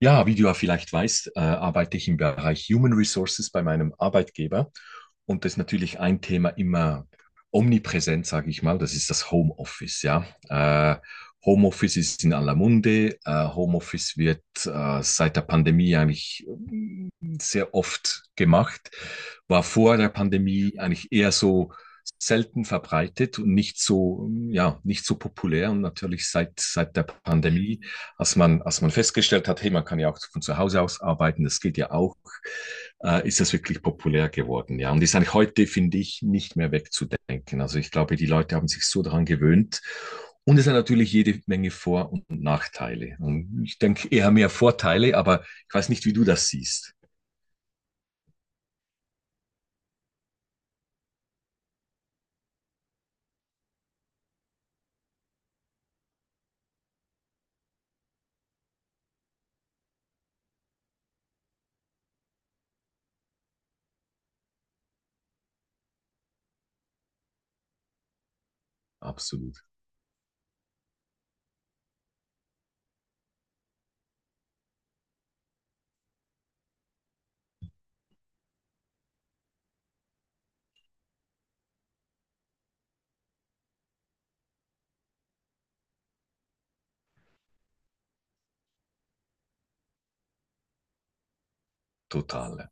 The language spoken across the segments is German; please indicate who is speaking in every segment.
Speaker 1: Ja, wie du ja vielleicht weißt, arbeite ich im Bereich Human Resources bei meinem Arbeitgeber. Und das ist natürlich ein Thema immer omnipräsent, sage ich mal. Das ist das Homeoffice, ja. Äh, Homeoffice ist in aller Munde. Homeoffice wird seit der Pandemie eigentlich sehr oft gemacht. War vor der Pandemie eigentlich eher so selten verbreitet und nicht so, ja, nicht so populär. Und natürlich seit der Pandemie, als man festgestellt hat, hey, man kann ja auch von zu Hause aus arbeiten, das geht ja auch, ist das wirklich populär geworden. Ja, und ist eigentlich heute, finde ich, nicht mehr wegzudenken. Also ich glaube, die Leute haben sich so daran gewöhnt, und es hat natürlich jede Menge Vor- und Nachteile. Und ich denke eher mehr Vorteile, aber ich weiß nicht, wie du das siehst. Absolut, total, ja.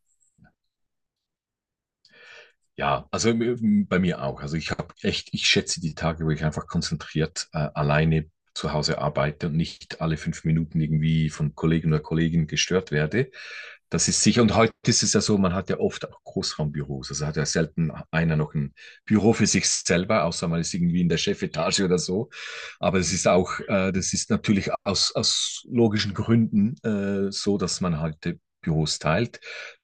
Speaker 1: Ja, also bei mir auch. Also ich habe echt, ich schätze die Tage, wo ich einfach konzentriert alleine zu Hause arbeite und nicht alle 5 Minuten irgendwie von Kollegen oder Kolleginnen gestört werde. Das ist sicher. Und heute ist es ja so, man hat ja oft auch Großraumbüros. Also hat ja selten einer noch ein Büro für sich selber, außer man ist irgendwie in der Chefetage oder so. Aber es ist auch, das ist natürlich aus logischen Gründen so, dass man halt Büros teilt.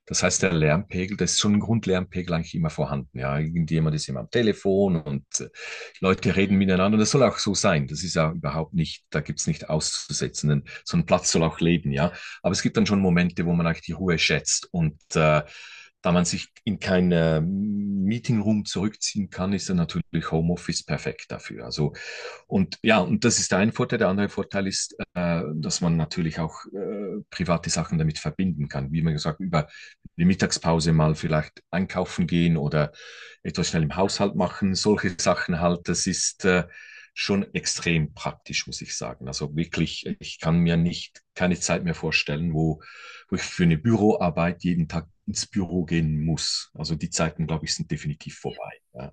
Speaker 1: Das heißt, der Lärmpegel, das ist schon ein Grundlärmpegel eigentlich immer vorhanden. Ja, irgendjemand ist immer am Telefon und Leute reden miteinander. Und das soll auch so sein. Das ist ja überhaupt nicht, da gibt's nicht auszusetzen. Denn so ein Platz soll auch leben, ja. Aber es gibt dann schon Momente, wo man eigentlich die Ruhe schätzt. Und da man sich in keinen Meetingroom zurückziehen kann, ist dann natürlich Homeoffice perfekt dafür. Also, und ja, und das ist der eine Vorteil. Der andere Vorteil ist, dass man natürlich auch private Sachen damit verbinden kann. Wie man gesagt, über die Mittagspause mal vielleicht einkaufen gehen oder etwas schnell im Haushalt machen, solche Sachen halt, das ist schon extrem praktisch, muss ich sagen. Also wirklich, ich kann mir nicht keine Zeit mehr vorstellen, wo ich für eine Büroarbeit jeden Tag ins Büro gehen muss. Also die Zeiten, glaube ich, sind definitiv vorbei. Ja,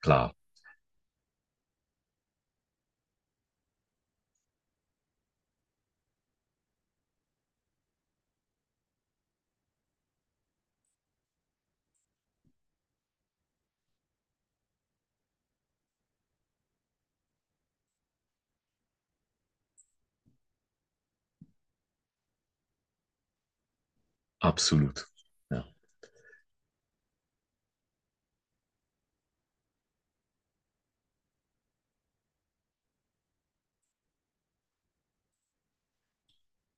Speaker 1: klar, absolut. Ja,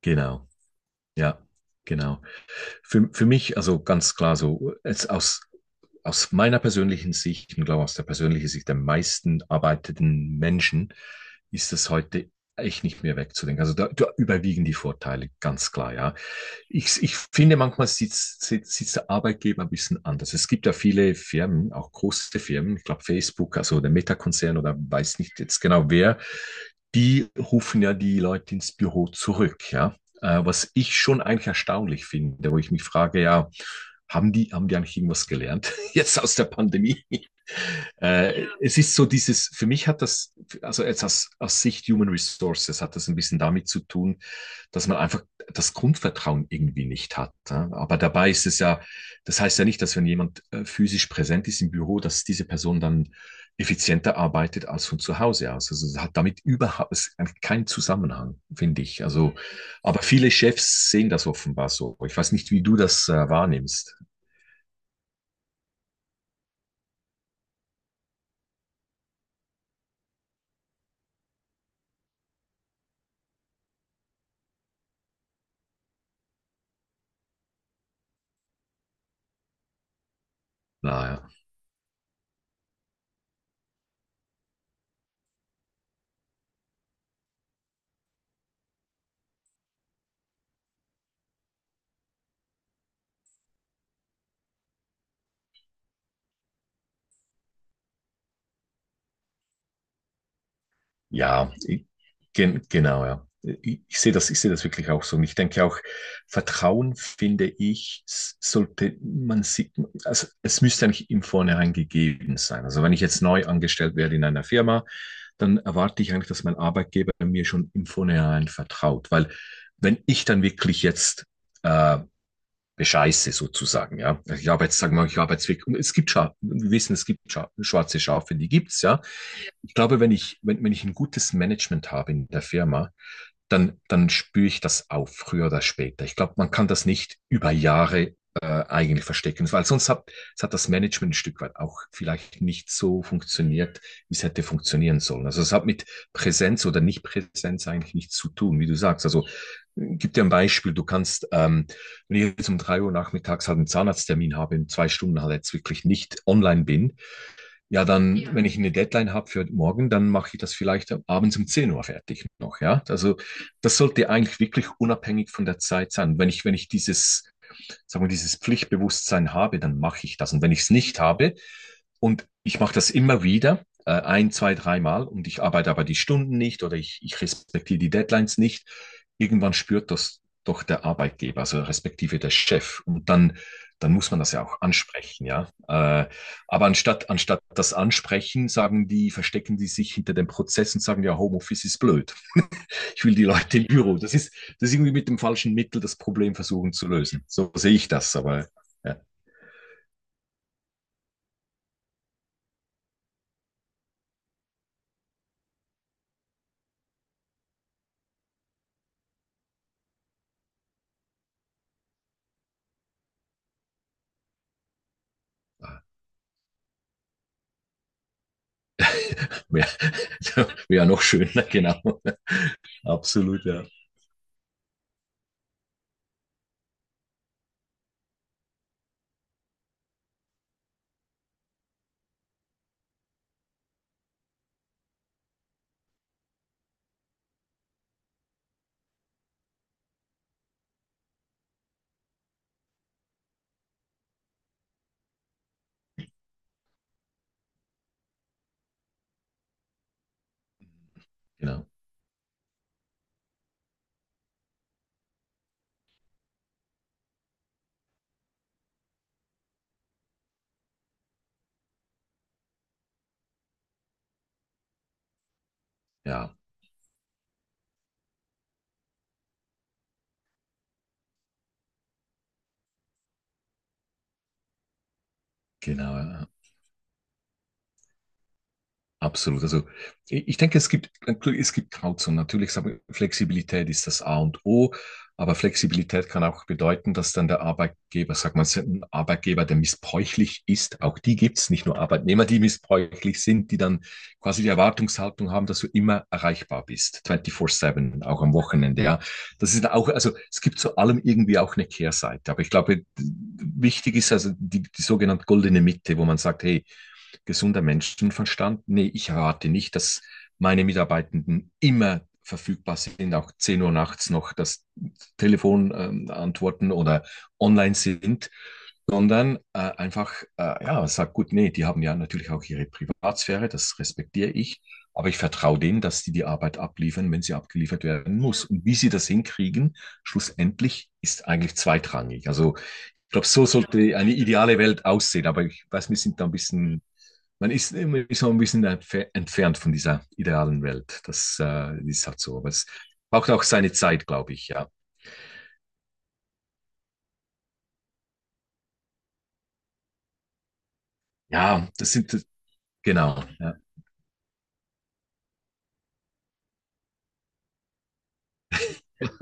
Speaker 1: genau. Ja, genau. Für mich, also ganz klar so, jetzt aus meiner persönlichen Sicht und glaube aus der persönlichen Sicht der meisten arbeitenden Menschen ist das heute echt nicht mehr wegzudenken. Also da überwiegen die Vorteile, ganz klar, ja. Ich finde, manchmal sieht der Arbeitgeber ein bisschen anders. Es gibt ja viele Firmen, auch große Firmen, ich glaube Facebook, also der Meta-Konzern oder weiß nicht jetzt genau wer, die rufen ja die Leute ins Büro zurück, ja. Was ich schon eigentlich erstaunlich finde, wo ich mich frage, ja, haben die eigentlich irgendwas gelernt jetzt aus der Pandemie? Ja. Es ist so dieses, für mich hat das, also jetzt aus Sicht Human Resources hat das ein bisschen damit zu tun, dass man einfach das Grundvertrauen irgendwie nicht hat. Ja. Aber dabei ist es ja, das heißt ja nicht, dass, wenn jemand physisch präsent ist im Büro, dass diese Person dann effizienter arbeitet als von zu Hause aus. Also es hat damit überhaupt es keinen Zusammenhang, finde ich. Also, aber viele Chefs sehen das offenbar so. Ich weiß nicht, wie du das wahrnimmst. Na, ja. Ja, genau, ja. Ich sehe das wirklich auch so. Und ich denke auch, Vertrauen, finde ich, sollte man sieht, also es müsste eigentlich im Vornherein gegeben sein. Also wenn ich jetzt neu angestellt werde in einer Firma, dann erwarte ich eigentlich, dass mein Arbeitgeber mir schon im Vornherein vertraut. Weil wenn ich dann wirklich jetzt äh, bescheiße sozusagen, ja, ich habe jetzt, sagen wir mal, ich habe jetzt wirklich, es gibt, Scha wir wissen, es gibt Scha schwarze Schafe, die gibt's, ja. Ich glaube, wenn ich ein gutes Management habe in der Firma, dann spüre ich das auf, früher oder später. Ich glaube, man kann das nicht über Jahre eigentlich verstecken, weil sonst hat das Management ein Stück weit auch vielleicht nicht so funktioniert, wie es hätte funktionieren sollen. Also es hat mit Präsenz oder Nicht-Präsenz eigentlich nichts zu tun, wie du sagst. Also gib dir ein Beispiel, du kannst, wenn ich jetzt um 3 Uhr nachmittags halt einen Zahnarzttermin habe, in 2 Stunden halt jetzt wirklich nicht online bin, ja, dann, ja, wenn ich eine Deadline habe für morgen, dann mache ich das vielleicht abends um 10 Uhr fertig noch, ja. Also das sollte eigentlich wirklich unabhängig von der Zeit sein. Wenn ich dieses, sagen wir, dieses Pflichtbewusstsein habe, dann mache ich das. Und wenn ich es nicht habe, und ich mache das immer wieder, ein, zwei, dreimal, und ich arbeite aber die Stunden nicht oder ich respektiere die Deadlines nicht, irgendwann spürt das doch der Arbeitgeber, also respektive der Chef. Und dann muss man das ja auch ansprechen, ja. Aber anstatt das Ansprechen, sagen die, verstecken die sich hinter dem Prozess und sagen, ja, Homeoffice ist blöd, ich will die Leute im Büro. Das ist irgendwie mit dem falschen Mittel das Problem versuchen zu lösen. So sehe ich das, aber ja, wäre wär noch schöner, genau. Absolut, ja. Genau, ja, genau. Ja. Absolut. Also ich denke, es gibt Grauzonen. Natürlich, sagen wir, Flexibilität ist das A und O, aber Flexibilität kann auch bedeuten, dass dann der Arbeitgeber, sag mal, ein Arbeitgeber, der missbräuchlich ist, auch die gibt es, nicht nur Arbeitnehmer, die missbräuchlich sind, die dann quasi die Erwartungshaltung haben, dass du immer erreichbar bist, 24/7, auch am Wochenende. Ja, das ist auch, also es gibt zu allem irgendwie auch eine Kehrseite. Aber ich glaube, wichtig ist also die sogenannte goldene Mitte, wo man sagt, hey, gesunder Menschenverstand. Nee, ich erwarte nicht, dass meine Mitarbeitenden immer verfügbar sind, auch 10 Uhr nachts noch das Telefon antworten oder online sind, sondern einfach, ja, sagt gut, nee, die haben ja natürlich auch ihre Privatsphäre, das respektiere ich, aber ich vertraue denen, dass die die Arbeit abliefern, wenn sie abgeliefert werden muss. Und wie sie das hinkriegen, schlussendlich ist eigentlich zweitrangig. Also ich glaube, so sollte eine ideale Welt aussehen, aber ich weiß, wir sind da ein bisschen, man ist immer so ein bisschen entfernt von dieser idealen Welt. Das ist halt so. Aber es braucht auch seine Zeit, glaube ich, ja. Ja, das sind, genau. Ja.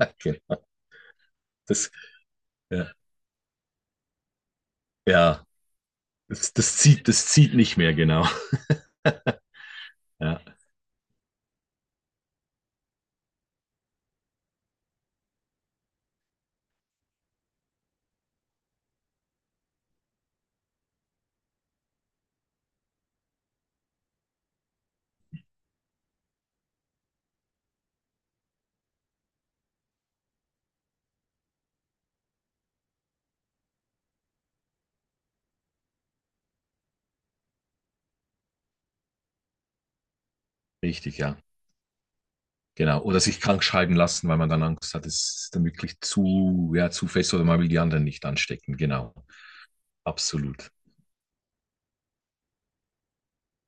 Speaker 1: Okay. Das, ja, ja, das zieht nicht mehr, genau. Ja, richtig, ja. Genau. Oder sich krank schreiben lassen, weil man dann Angst hat, es ist dann wirklich zu, ja, zu fest, oder man will die anderen nicht anstecken. Genau. Absolut.